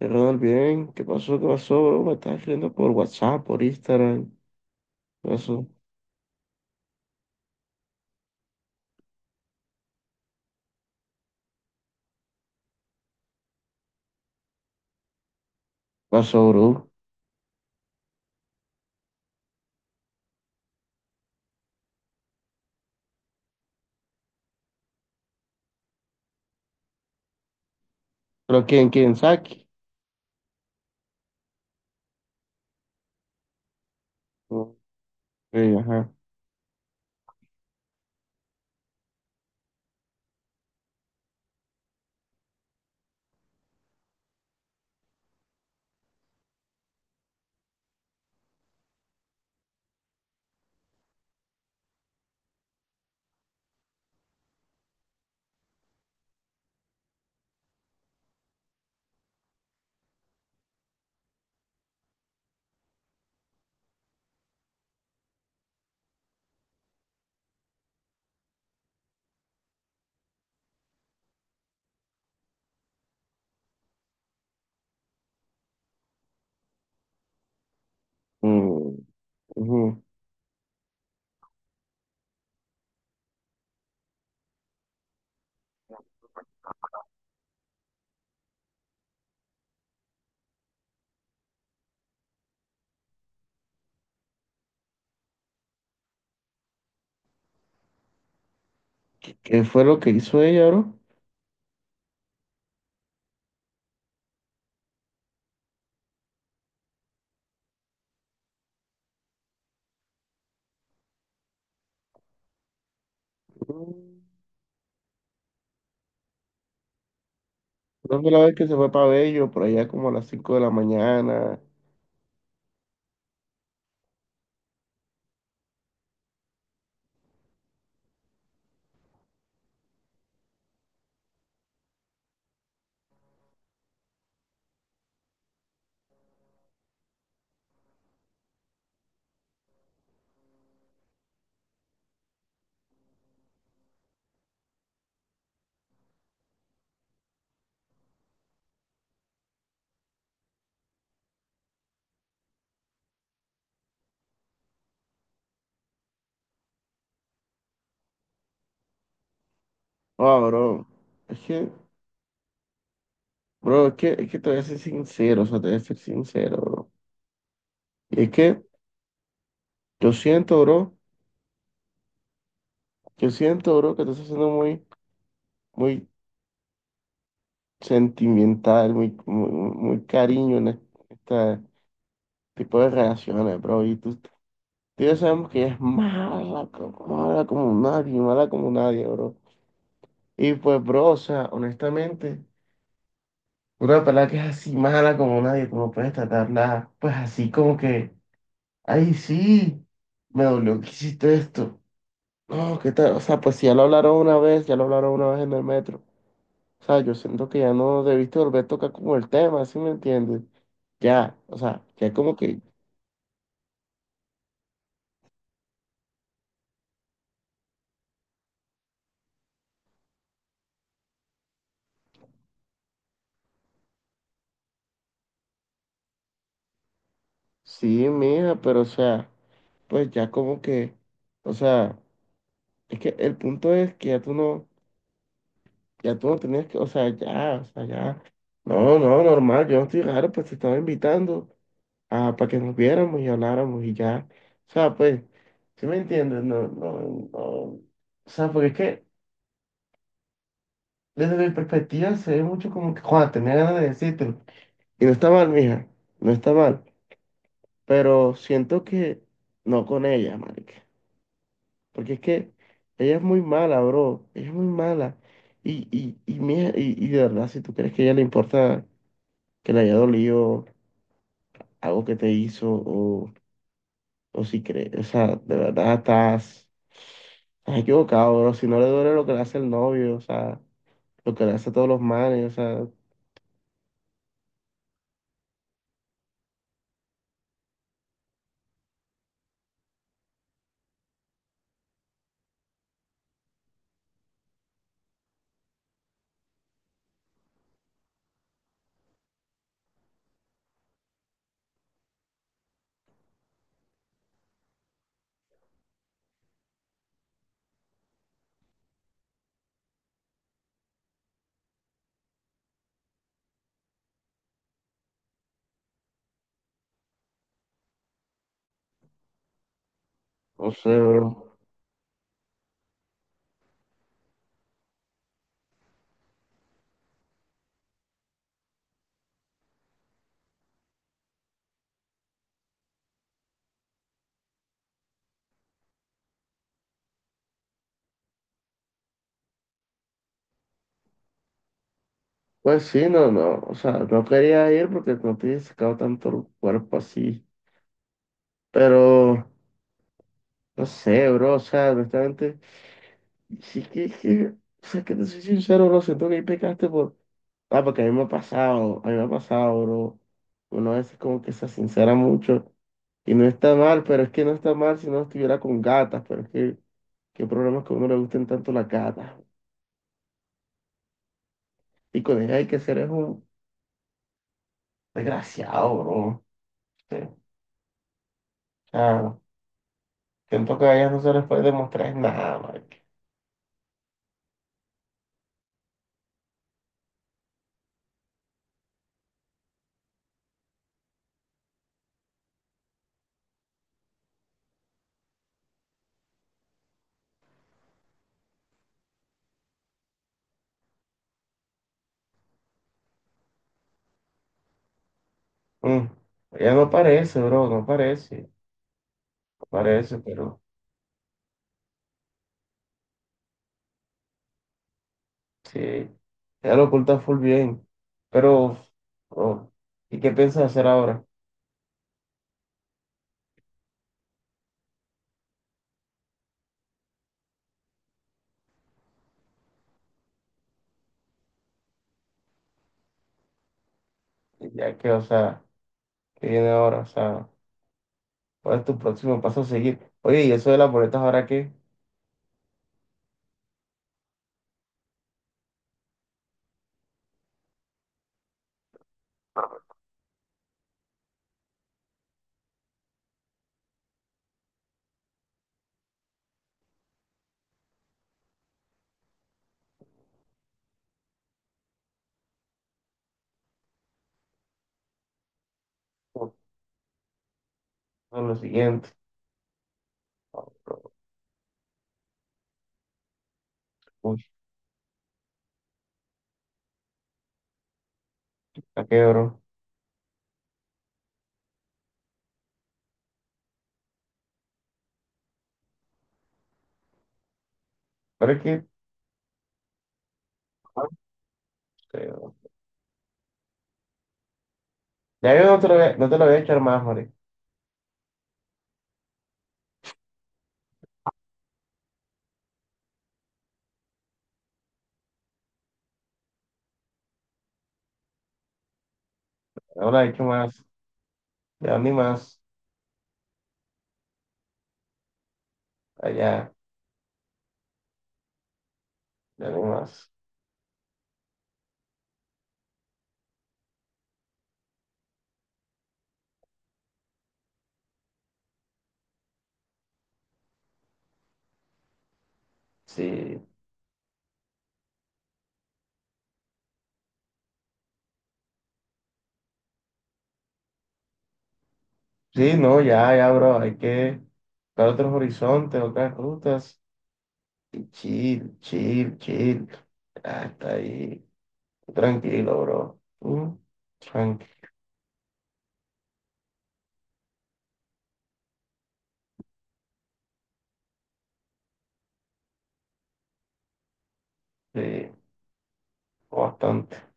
Ronald, bien, ¿qué pasó? ¿Qué pasó, bro? Me estás escribiendo por WhatsApp, por Instagram. ¿Qué pasó? ¿Qué pasó, bro? ¿Pero quién? ¿Quién? ¿Saki? Ok, ajá. Mm, ujú. ¿Qué fue lo que hizo ella, bro? Mm, creo que la vez que se fue para Bello, por allá como a las 5 de la mañana. Ah, bro. Es que, bro, es que te voy a ser sincero, o sea, te voy a ser sincero, bro. Y es que yo siento, bro, yo siento, bro, que te estás haciendo muy sentimental, muy cariño en este tipo de relaciones, bro. Y tú ya sabemos que ella es mala, mala como nadie, bro. Y pues, bro, o sea, honestamente, una pelada que es así mala como nadie, como puedes tratarla, pues así como que, ay, sí, me dolió que hiciste esto. No, ¿qué tal? O sea, pues si ya lo hablaron una vez, ya lo hablaron una vez en el metro. O sea, yo siento que ya no debiste volver a tocar como el tema, ¿sí me entiendes? Ya, o sea, ya como que, sí, mija, pero o sea, pues ya como que, o sea, es que el punto es que ya tú no tenías que, o sea, ya, no, no, normal, yo no estoy raro, pues te estaba invitando a, para que nos viéramos y habláramos y ya, o sea, pues, ¿sí me entiendes? No, no, no, o sea, porque es que desde mi perspectiva se ve mucho como que, Juan, tenía ganas de decírtelo. Y no está mal, mija, no está mal, pero siento que no con ella, marica, porque es que ella es muy mala, bro, ella es muy mala, mija, y de verdad, si tú crees que a ella le importa que le haya dolido algo que te hizo, o si crees, o sea, de verdad estás equivocado, bro, si no le duele lo que le hace el novio, o sea, lo que le hace a todos los manes, o sea, no sé, bro. Pues sí, no, no, o sea, no quería ir porque no te he sacado tanto el cuerpo así. Pero, no sé, bro, o sea, honestamente, sí o sea, que te soy sincero, bro, siento que ahí pecaste por, ah, porque a mí me ha pasado, a mí me ha pasado, bro, uno a veces como que se sincera mucho, y no está mal, pero es que no está mal si no estuviera con gatas, pero es que, qué problemas que a uno le gusten tanto las gatas, y con ellas hay que ser es un desgraciado, bro, sí, o sea, siento que a ellas no se les puede demostrar nada, marica. Mm, ella no parece, bro, no parece, no parece, pero... Sí, ya lo oculta full bien. Pero, bro, ¿y qué piensas hacer ahora? Ya que, o sea, ¿qué viene ahora? O sea, ¿cuál es tu próximo paso a seguir? Oye, ¿y eso de las boletas ahora qué? Eso es lo siguiente. Oh, uy, ¿a qué, bro? Pero es que, no sé, bro. Ya yo no te lo voy a, no te lo voy a echar más, Mari. No la he hecho más. Ya ni más. Allá, ya ni más. Sí, sí, no, ya, bro. Hay que buscar otros horizontes, otras rutas. Chill, chill, chill. Hasta ahí. Tranquilo, bro. Mm, tranqui. Sí, bastante.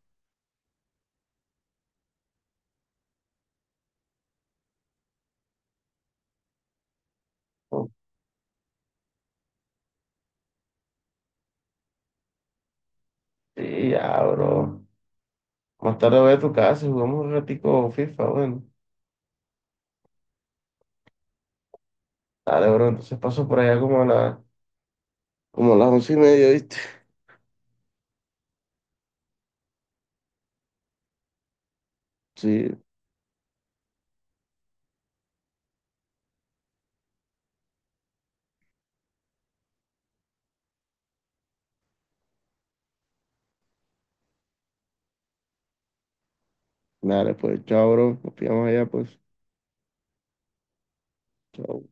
Sí, ya, bro. Más tarde voy a tu casa y jugamos un ratico FIFA, bueno. Dale, bro. Entonces paso por allá como a la, como a las 11:30, ¿viste? Sí, dale, pues. Chao, bro. Nos pillamos allá, pues. Chao.